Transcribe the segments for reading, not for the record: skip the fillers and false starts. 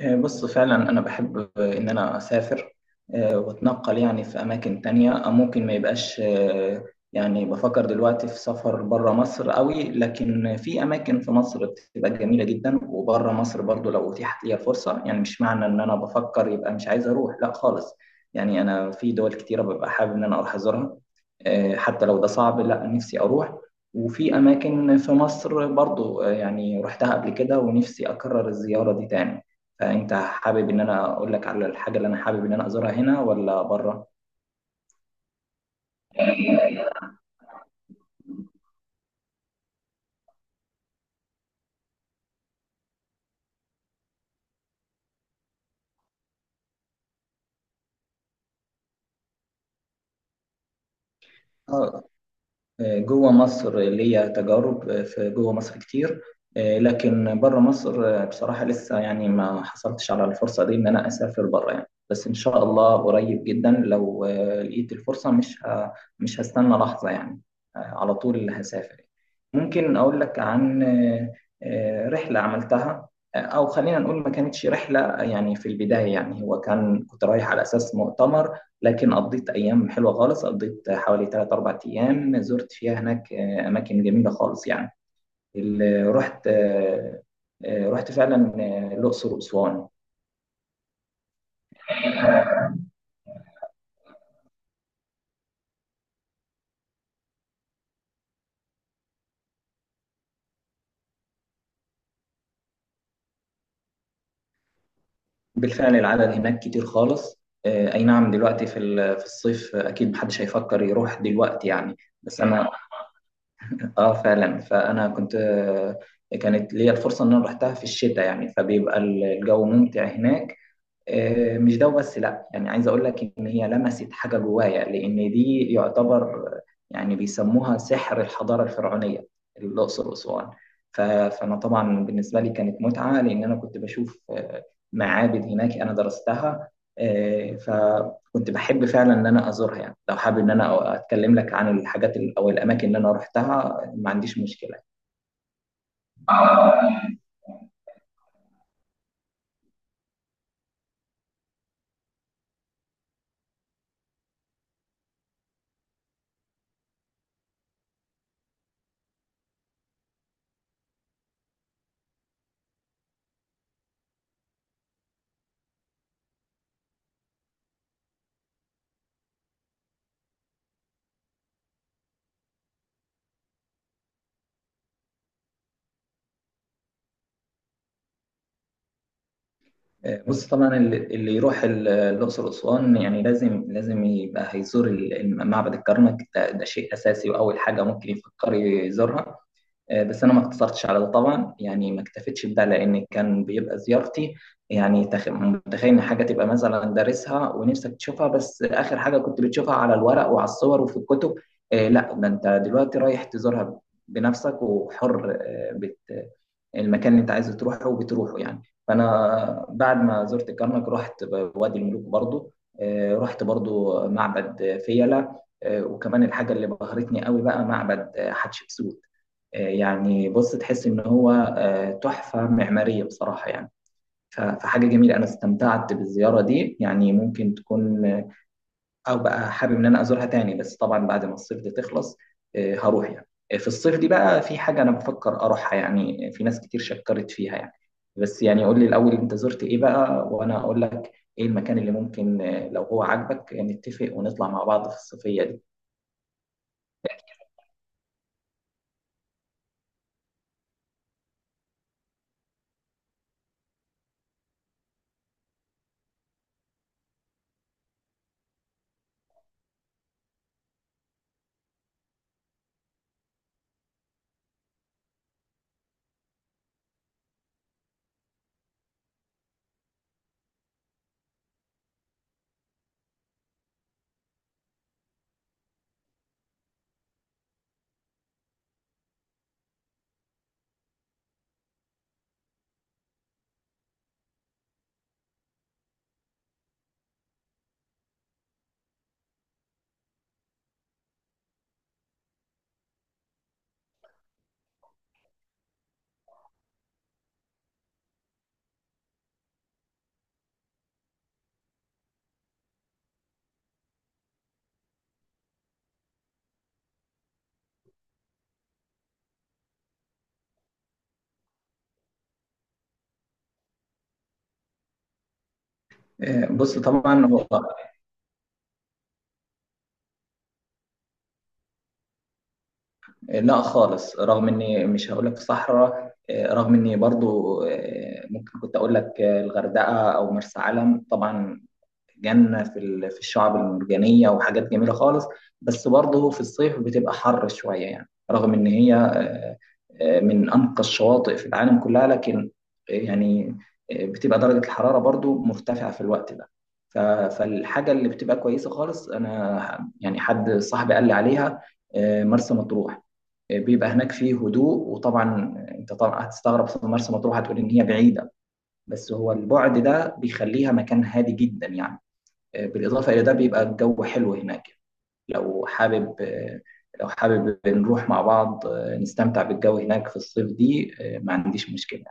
بص فعلا أنا بحب إن أنا أسافر، وأتنقل يعني في أماكن تانية أو ممكن ما يبقاش. يعني بفكر دلوقتي في سفر بره مصر قوي، لكن في أماكن في مصر بتبقى جميلة جدا، وبره مصر برضو لو أتيحت لي الفرصة. يعني مش معنى إن أنا بفكر يبقى مش عايز أروح، لا خالص. يعني أنا في دول كتيرة ببقى حابب إن أنا أروح أزورها، حتى لو ده صعب، لا نفسي أروح. وفي أماكن في مصر برضو، يعني رحتها قبل كده ونفسي أكرر الزيارة دي تاني. فانت حابب ان انا اقول لك على الحاجه اللي انا حابب ان انا ازورها هنا ولا بره؟ اه، جوه مصر ليا تجارب، في جوه مصر كتير. لكن بره مصر، بصراحة لسه يعني ما حصلتش على الفرصة دي إن أنا أسافر بره يعني، بس إن شاء الله قريب جدا لو لقيت الفرصة، مش هستنى لحظة يعني. على طول هسافر. ممكن أقول لك عن رحلة عملتها، أو خلينا نقول ما كانتش رحلة يعني. في البداية يعني هو كان كنت رايح على أساس مؤتمر، لكن قضيت أيام حلوة خالص، قضيت حوالي 3 4 أيام زرت فيها هناك أماكن جميلة خالص يعني. رحت رحت فعلا الأقصر وأسوان. بالفعل العدد هناك كتير خالص. أي نعم، دلوقتي في في الصيف أكيد محدش هيفكر يروح دلوقتي يعني. بس أنا، فعلا فأنا كنت كانت ليا الفرصة إن أنا رحتها في الشتاء يعني، فبيبقى الجو ممتع هناك. مش ده وبس لا، يعني عايز اقول لك ان هي لمست حاجه جوايا، لان دي يعتبر يعني بيسموها سحر الحضاره الفرعونيه. الاقصر واسوان. فانا طبعا بالنسبه لي كانت متعه، لان انا كنت بشوف معابد هناك انا درستها. فكنت بحب فعلا ان انا ازورها يعني. لو حابب ان انا اتكلم لك عن او الاماكن اللي انا رحتها ما عنديش مشكله. بص طبعا اللي يروح الأقصر وأسوان يعني لازم لازم يبقى هيزور معبد الكرنك، ده شيء أساسي وأول حاجة ممكن يفكر يزورها. بس انا ما اقتصرتش على ده طبعا، يعني ما اكتفيتش بده، لان كان بيبقى زيارتي يعني. متخيل ان حاجه تبقى مثلا دارسها ونفسك تشوفها، بس اخر حاجه كنت بتشوفها على الورق وعلى الصور وفي الكتب. لا ده انت دلوقتي رايح تزورها بنفسك وحر، آه، بت المكان اللي انت عايز تروحه وبتروحه يعني. فانا بعد ما زرت الكرنك رحت وادي الملوك برضو. رحت برضو معبد فيلة. وكمان الحاجه اللي بهرتني قوي بقى معبد حتشبسوت. يعني بص تحس إن هو تحفة معمارية بصراحة يعني. فحاجة جميلة، أنا استمتعت بالزيارة دي يعني. ممكن تكون أو بقى حابب إن أنا أزورها تاني، بس طبعا بعد ما الصيف ده تخلص. هروح يعني. في الصيف دي بقى في حاجة أنا بفكر أروحها يعني، في ناس كتير شكرت فيها يعني. بس يعني قول لي الأول أنت زرت إيه بقى، وأنا أقول لك إيه المكان اللي ممكن لو هو عاجبك نتفق ونطلع مع بعض في الصيفية دي. آه، بص طبعا هو لا خالص، رغم اني مش هقول لك صحراء، رغم اني برضو ممكن كنت اقول لك الغردقه او مرسى علم، طبعا جنة في في الشعب المرجانية وحاجات جميلة خالص. بس برضه في الصيف بتبقى حر شوية يعني، رغم إن هي من أنقى الشواطئ في العالم كلها. لكن آه، يعني بتبقى درجة الحرارة برضه مرتفعة في الوقت ده. ف- فالحاجة اللي بتبقى كويسة خالص، أنا يعني حد صاحبي قال لي عليها مرسى مطروح. بيبقى هناك فيه هدوء، وطبعا انت طبعا هتستغرب في مرسى مطروح، هتقول ان هي بعيده. بس هو البعد ده بيخليها مكان هادي جدا يعني. بالاضافه الى ده بيبقى الجو حلو هناك. لو حابب لو حابب نروح مع بعض نستمتع بالجو هناك في الصيف دي، ما عنديش مشكله.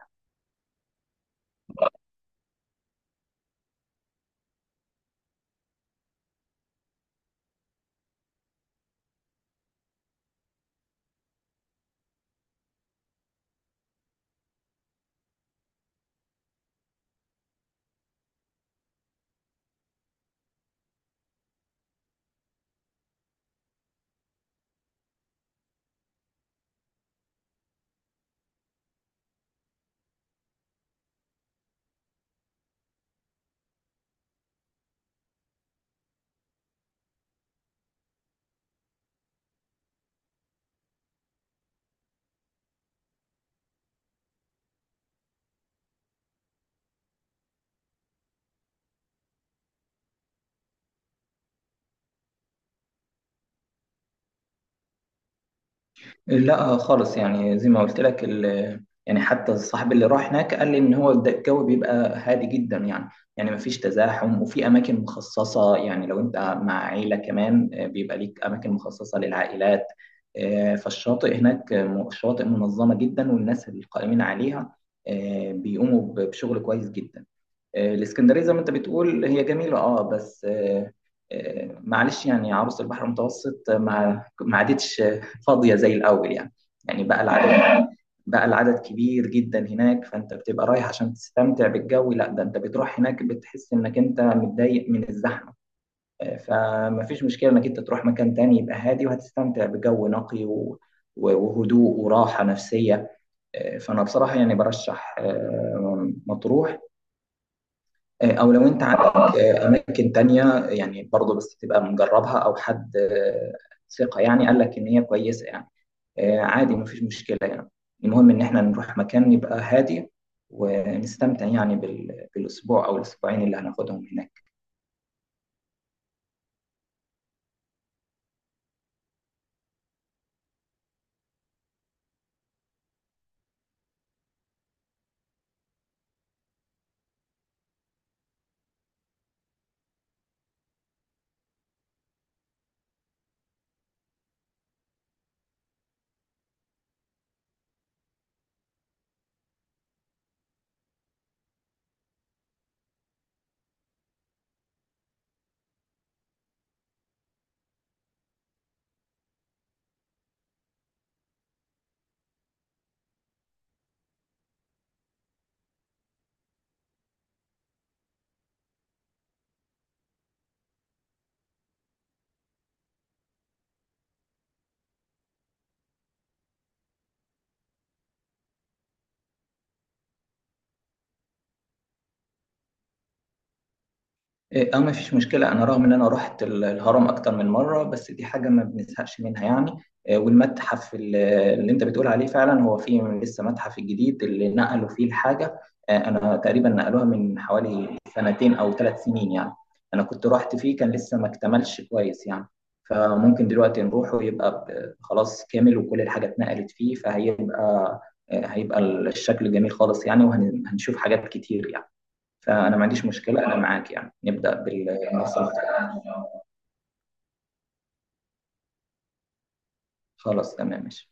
لا خالص، يعني زي ما قلت لك يعني حتى الصاحب اللي راح هناك قال لي ان هو الجو بيبقى هادي جدا يعني. يعني مفيش تزاحم، وفي اماكن مخصصه يعني لو انت مع عيله كمان بيبقى ليك اماكن مخصصه للعائلات. فالشاطئ هناك شواطئ منظمه جدا، والناس القائمين عليها بيقوموا بشغل كويس جدا. الاسكندريه زي ما انت بتقول هي جميله اه، بس معلش يعني عروس البحر المتوسط ما عادتش فاضيه زي الاول يعني. يعني بقى العدد كبير جدا هناك، فانت بتبقى رايح عشان تستمتع بالجو، لا ده انت بتروح هناك بتحس انك انت متضايق من الزحمه. فما فيش مشكله انك انت تروح مكان تاني يبقى هادي، وهتستمتع بجو نقي وهدوء وراحه نفسيه. فانا بصراحه يعني برشح مطروح، او لو انت عندك اماكن تانية يعني برضه، بس تبقى مجربها او حد ثقة يعني قال لك ان هي كويسة يعني، عادي مفيش مشكلة يعني. المهم ان احنا نروح مكان يبقى هادي، ونستمتع يعني بالاسبوع او الاسبوعين اللي هناخدهم هناك. إيه، اه مفيش مشكلة. أنا رغم إن أنا رحت الهرم أكتر من مرة، بس دي حاجة ما بنزهقش منها يعني. والمتحف اللي أنت بتقول عليه، فعلا هو فيه لسه متحف الجديد اللي نقلوا فيه الحاجة. أنا تقريبا نقلوها من حوالي 2 أو 3 سنين يعني. أنا كنت رحت فيه كان لسه ما اكتملش كويس يعني. فممكن دلوقتي نروح ويبقى خلاص كامل، وكل الحاجة اتنقلت فيه، فهيبقى هيبقى الشكل جميل خالص يعني، وهنشوف حاجات كتير يعني. فأنا ما عنديش مشكلة، أنا معاك يعني نبدأ بالمصروف. خلاص تمام ماشي.